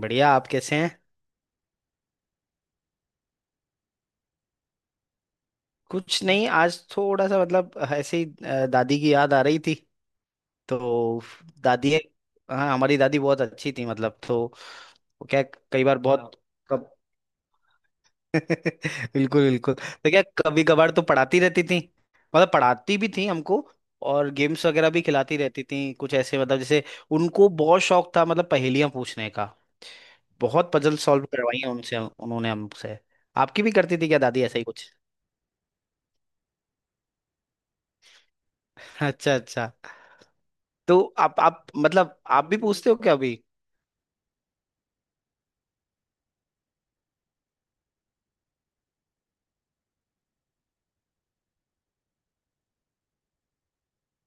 बढ़िया। आप कैसे हैं? कुछ नहीं, आज थोड़ा सा मतलब ऐसे ही दादी की याद आ रही थी। तो दादी, हाँ हमारी दादी बहुत अच्छी थी। मतलब तो वो क्या, कई बार बहुत बिल्कुल बिल्कुल। तो क्या कभी कभार तो पढ़ाती रहती थी, मतलब पढ़ाती भी थी हमको। और गेम्स वगैरह भी खिलाती रहती थी कुछ ऐसे, मतलब जैसे उनको बहुत शौक था, मतलब पहेलियां पूछने का। बहुत पजल सॉल्व करवाई हैं उनसे, उन्होंने हमसे। आपकी भी करती थी क्या दादी ऐसा ही कुछ? अच्छा अच्छा। तो आप मतलब आप भी पूछते हो क्या अभी?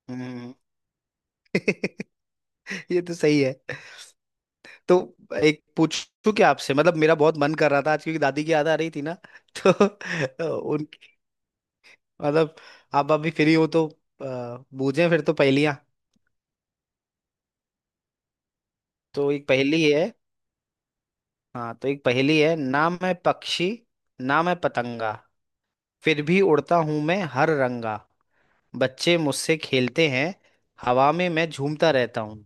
हम्म। ये तो सही है। तो एक पूछूं क्या आपसे? मतलब मेरा बहुत मन कर रहा था आज, क्योंकि दादी की याद आ रही थी ना। तो उन, मतलब आप अभी फ्री हो तो बूझें फिर तो पहेलियां। तो एक पहेली है। हाँ, तो एक पहेली है। ना मैं पक्षी, ना मैं पतंगा, फिर भी उड़ता हूं मैं हर रंगा। बच्चे मुझसे खेलते हैं, हवा में मैं झूमता रहता हूँ।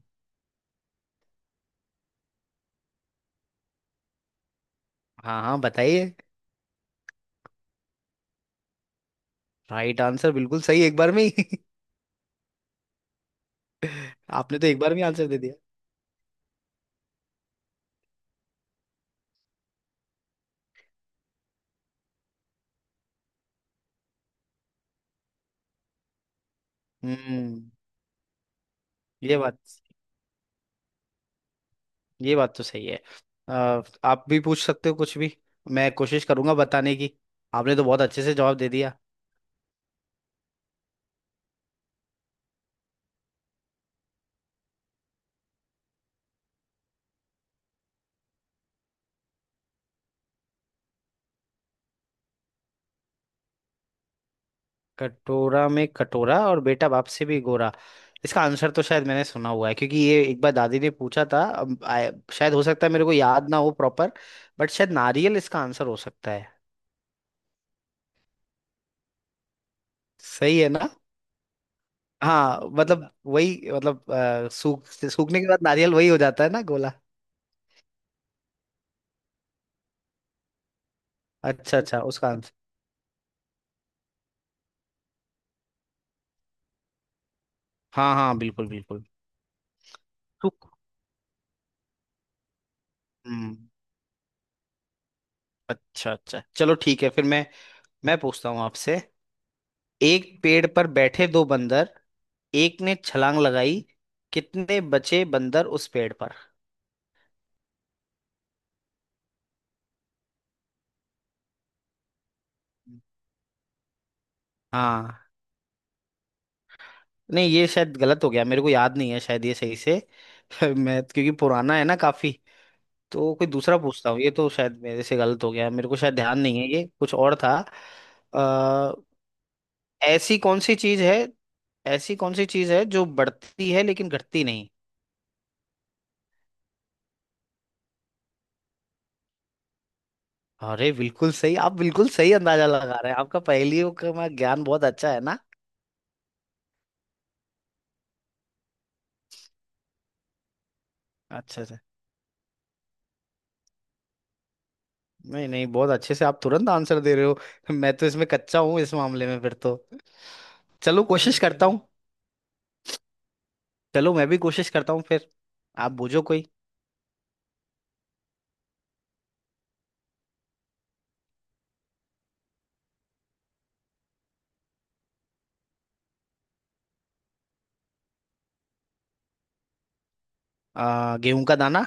हाँ हाँ, बताइए। राइट आंसर, बिल्कुल सही, एक बार में ही। आपने तो एक बार में आंसर दे दिया। हम्म। ये बात, ये बात तो सही है। आप भी पूछ सकते हो कुछ भी, मैं कोशिश करूंगा बताने की। आपने तो बहुत अच्छे से जवाब दे दिया। कटोरा में कटोरा और बेटा बाप से भी गोरा। इसका आंसर तो शायद मैंने सुना हुआ है, क्योंकि ये एक बार दादी ने पूछा था। अब शायद हो सकता है मेरे को याद ना हो प्रॉपर, बट शायद नारियल इसका आंसर हो सकता है। सही है ना? हाँ मतलब वही, मतलब सूखने के बाद नारियल वही हो जाता है ना, गोला। अच्छा अच्छा, उसका आंसर। हाँ हाँ बिल्कुल बिल्कुल। सूख। हम्म। अच्छा अच्छा, चलो ठीक है। फिर मैं पूछता हूँ आपसे। एक पेड़ पर बैठे दो बंदर, एक ने छलांग लगाई, कितने बचे बंदर उस पेड़ पर? हाँ। नहीं ये शायद गलत हो गया, मेरे को याद नहीं है शायद ये सही से। मैं, क्योंकि पुराना है ना काफी। तो कोई दूसरा पूछता हूँ, ये तो शायद मेरे से गलत हो गया, मेरे को शायद ध्यान नहीं है, ये कुछ और था। आ, ऐसी कौन सी चीज है, ऐसी कौन सी चीज है जो बढ़ती है लेकिन घटती नहीं? अरे बिल्कुल सही, आप बिल्कुल सही अंदाजा लगा रहे हैं। आपका पहेलियों का ज्ञान बहुत अच्छा है ना। अच्छा अच्छा। नहीं नहीं, बहुत अच्छे से आप तुरंत आंसर दे रहे हो। मैं तो इसमें कच्चा हूँ इस मामले में, फिर तो चलो कोशिश करता हूँ। चलो मैं भी कोशिश करता हूँ फिर। आप बूझो कोई। गेहूं का दाना।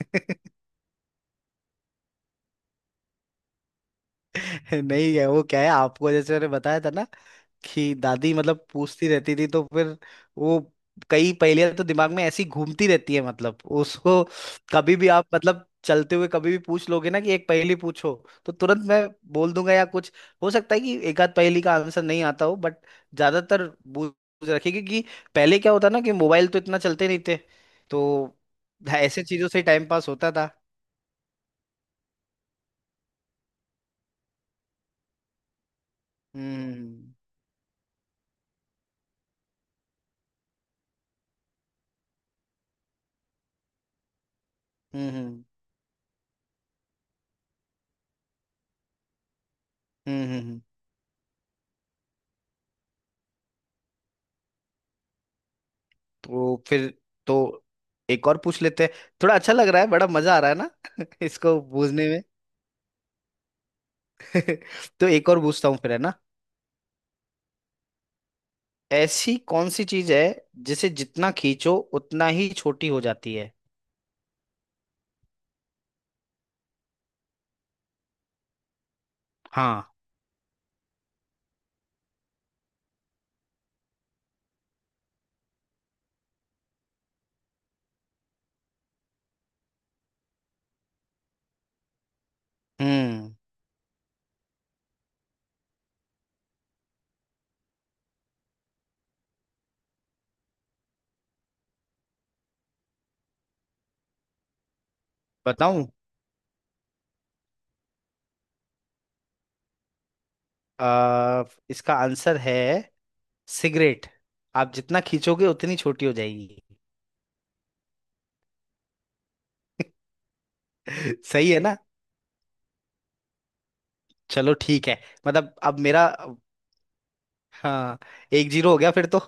नहीं, है वो क्या है, आपको जैसे मैंने बताया था ना कि दादी मतलब पूछती रहती थी, तो फिर वो कई पहेलियां तो दिमाग में ऐसी घूमती रहती है, मतलब उसको कभी भी आप, मतलब चलते हुए कभी भी पूछ लोगे ना कि एक पहेली पूछो, तो तुरंत मैं बोल दूंगा या कुछ। हो सकता है कि एक आध पहेली का आंसर नहीं आता हो, बट ज्यादातर बूझ रखी, क्योंकि पहले क्या होता ना कि मोबाइल तो इतना चलते नहीं थे, तो ऐसे चीजों से टाइम पास होता था। हम्म हम्म हम्म हम्म। तो फिर, तो एक और पूछ लेते हैं। थोड़ा अच्छा लग रहा है, बड़ा मजा आ रहा है ना। इसको बूझने में। तो एक और पूछता हूँ फिर, है ना? ऐसी कौन सी चीज है जिसे जितना खींचो उतना ही छोटी हो जाती है? हाँ। हम्म। बताऊं? आ, इसका आंसर है सिगरेट। आप जितना खींचोगे उतनी छोटी हो जाएगी। सही है ना? चलो ठीक है। मतलब अब मेरा, हाँ, एक जीरो हो गया फिर तो।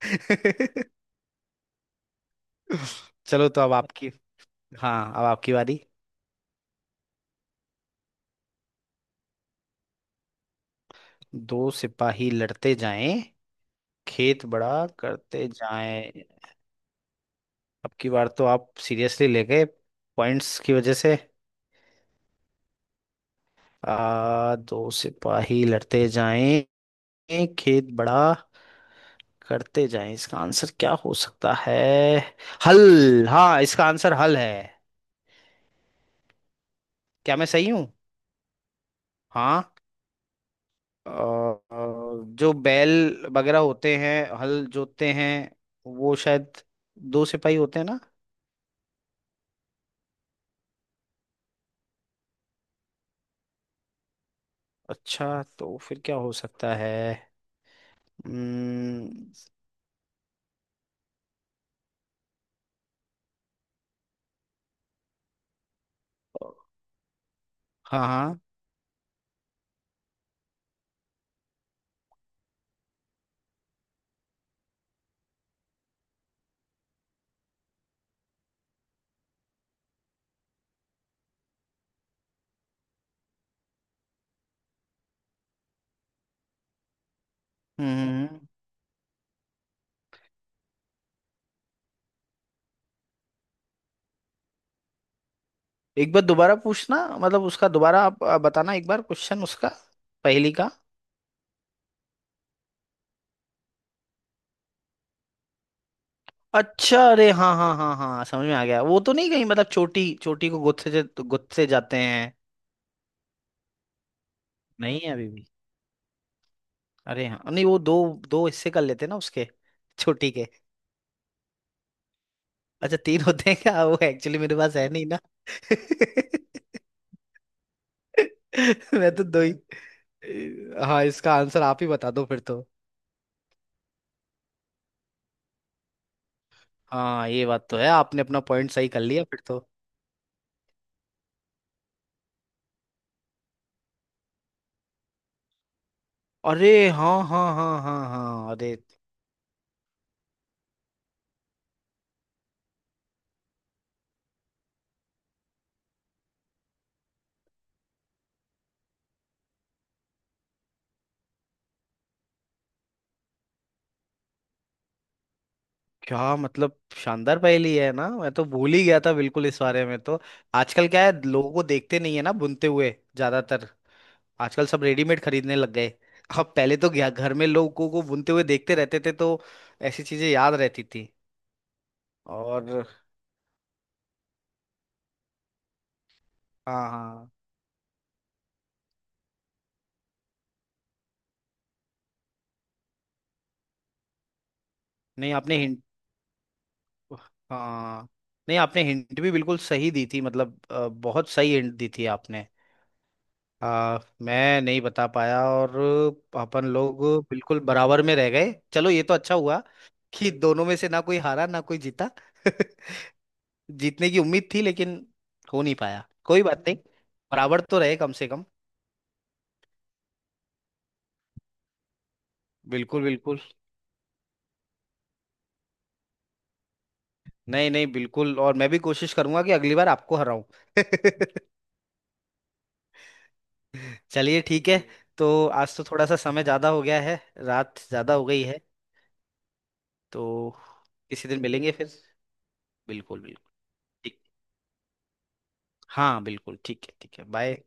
चलो तो अब आपकी, हाँ अब आपकी बारी। दो सिपाही लड़ते जाएं, खेत बड़ा करते जाएं। अब की बार तो आप सीरियसली ले गए, पॉइंट्स की वजह से। दो सिपाही लड़ते जाएं, खेत बड़ा करते जाएं, इसका आंसर क्या हो सकता है? हल, हाँ इसका आंसर हल है। क्या मैं सही हूँ? हाँ, अ, अ, जो बैल वगैरह होते हैं, हल जोतते हैं, वो शायद दो सिपाही होते हैं ना। अच्छा, तो फिर क्या हो सकता है? हम्म। हाँ हाँ। हम्म। एक बार दोबारा पूछना, मतलब उसका दोबारा आप बताना, एक बार क्वेश्चन उसका, पहली का। अच्छा, अरे हाँ हाँ हाँ हाँ, समझ में आ गया। वो तो नहीं कहीं मतलब चोटी, चोटी को गुत्से से गुत्से जाते हैं? नहीं है अभी भी। अरे हाँ, नहीं वो दो दो हिस्से कर लेते हैं ना उसके, चोटी के। अच्छा, तीन होते हैं क्या? वो एक्चुअली मेरे पास है नहीं ना। मैं तो दो ही। हाँ, इसका आंसर आप ही बता दो फिर तो। हाँ ये बात तो है, आपने अपना पॉइंट सही कर लिया फिर तो। अरे हाँ हाँ हाँ हाँ हाँ, अरे क्या मतलब, शानदार पहेली है ना। मैं तो भूल ही गया था बिल्कुल इस बारे में तो। आजकल क्या है, लोगों को देखते नहीं है ना बुनते हुए, ज्यादातर। आजकल सब रेडीमेड खरीदने लग गए। अब पहले तो क्या घर में लोगों को बुनते हुए देखते रहते थे, तो ऐसी चीजें याद रहती थी। और हाँ हाँ। नहीं आपने हाँ नहीं आपने हिंट भी बिल्कुल सही दी थी, मतलब बहुत सही हिंट दी थी आपने। मैं नहीं बता पाया। और अपन लोग बिल्कुल बराबर में रह गए, चलो ये तो अच्छा हुआ कि दोनों में से ना कोई हारा ना कोई जीता। जीतने की उम्मीद थी लेकिन हो नहीं पाया, कोई बात नहीं। बराबर तो रहे कम से कम। बिल्कुल बिल्कुल। नहीं नहीं बिल्कुल। और मैं भी कोशिश करूंगा कि अगली बार आपको हराऊं। चलिए ठीक है। तो आज तो थोड़ा सा समय ज्यादा हो गया है, रात ज्यादा हो गई है। तो किसी दिन मिलेंगे फिर। बिल्कुल बिल्कुल। ठीक हाँ, बिल्कुल ठीक है ठीक है, बाय।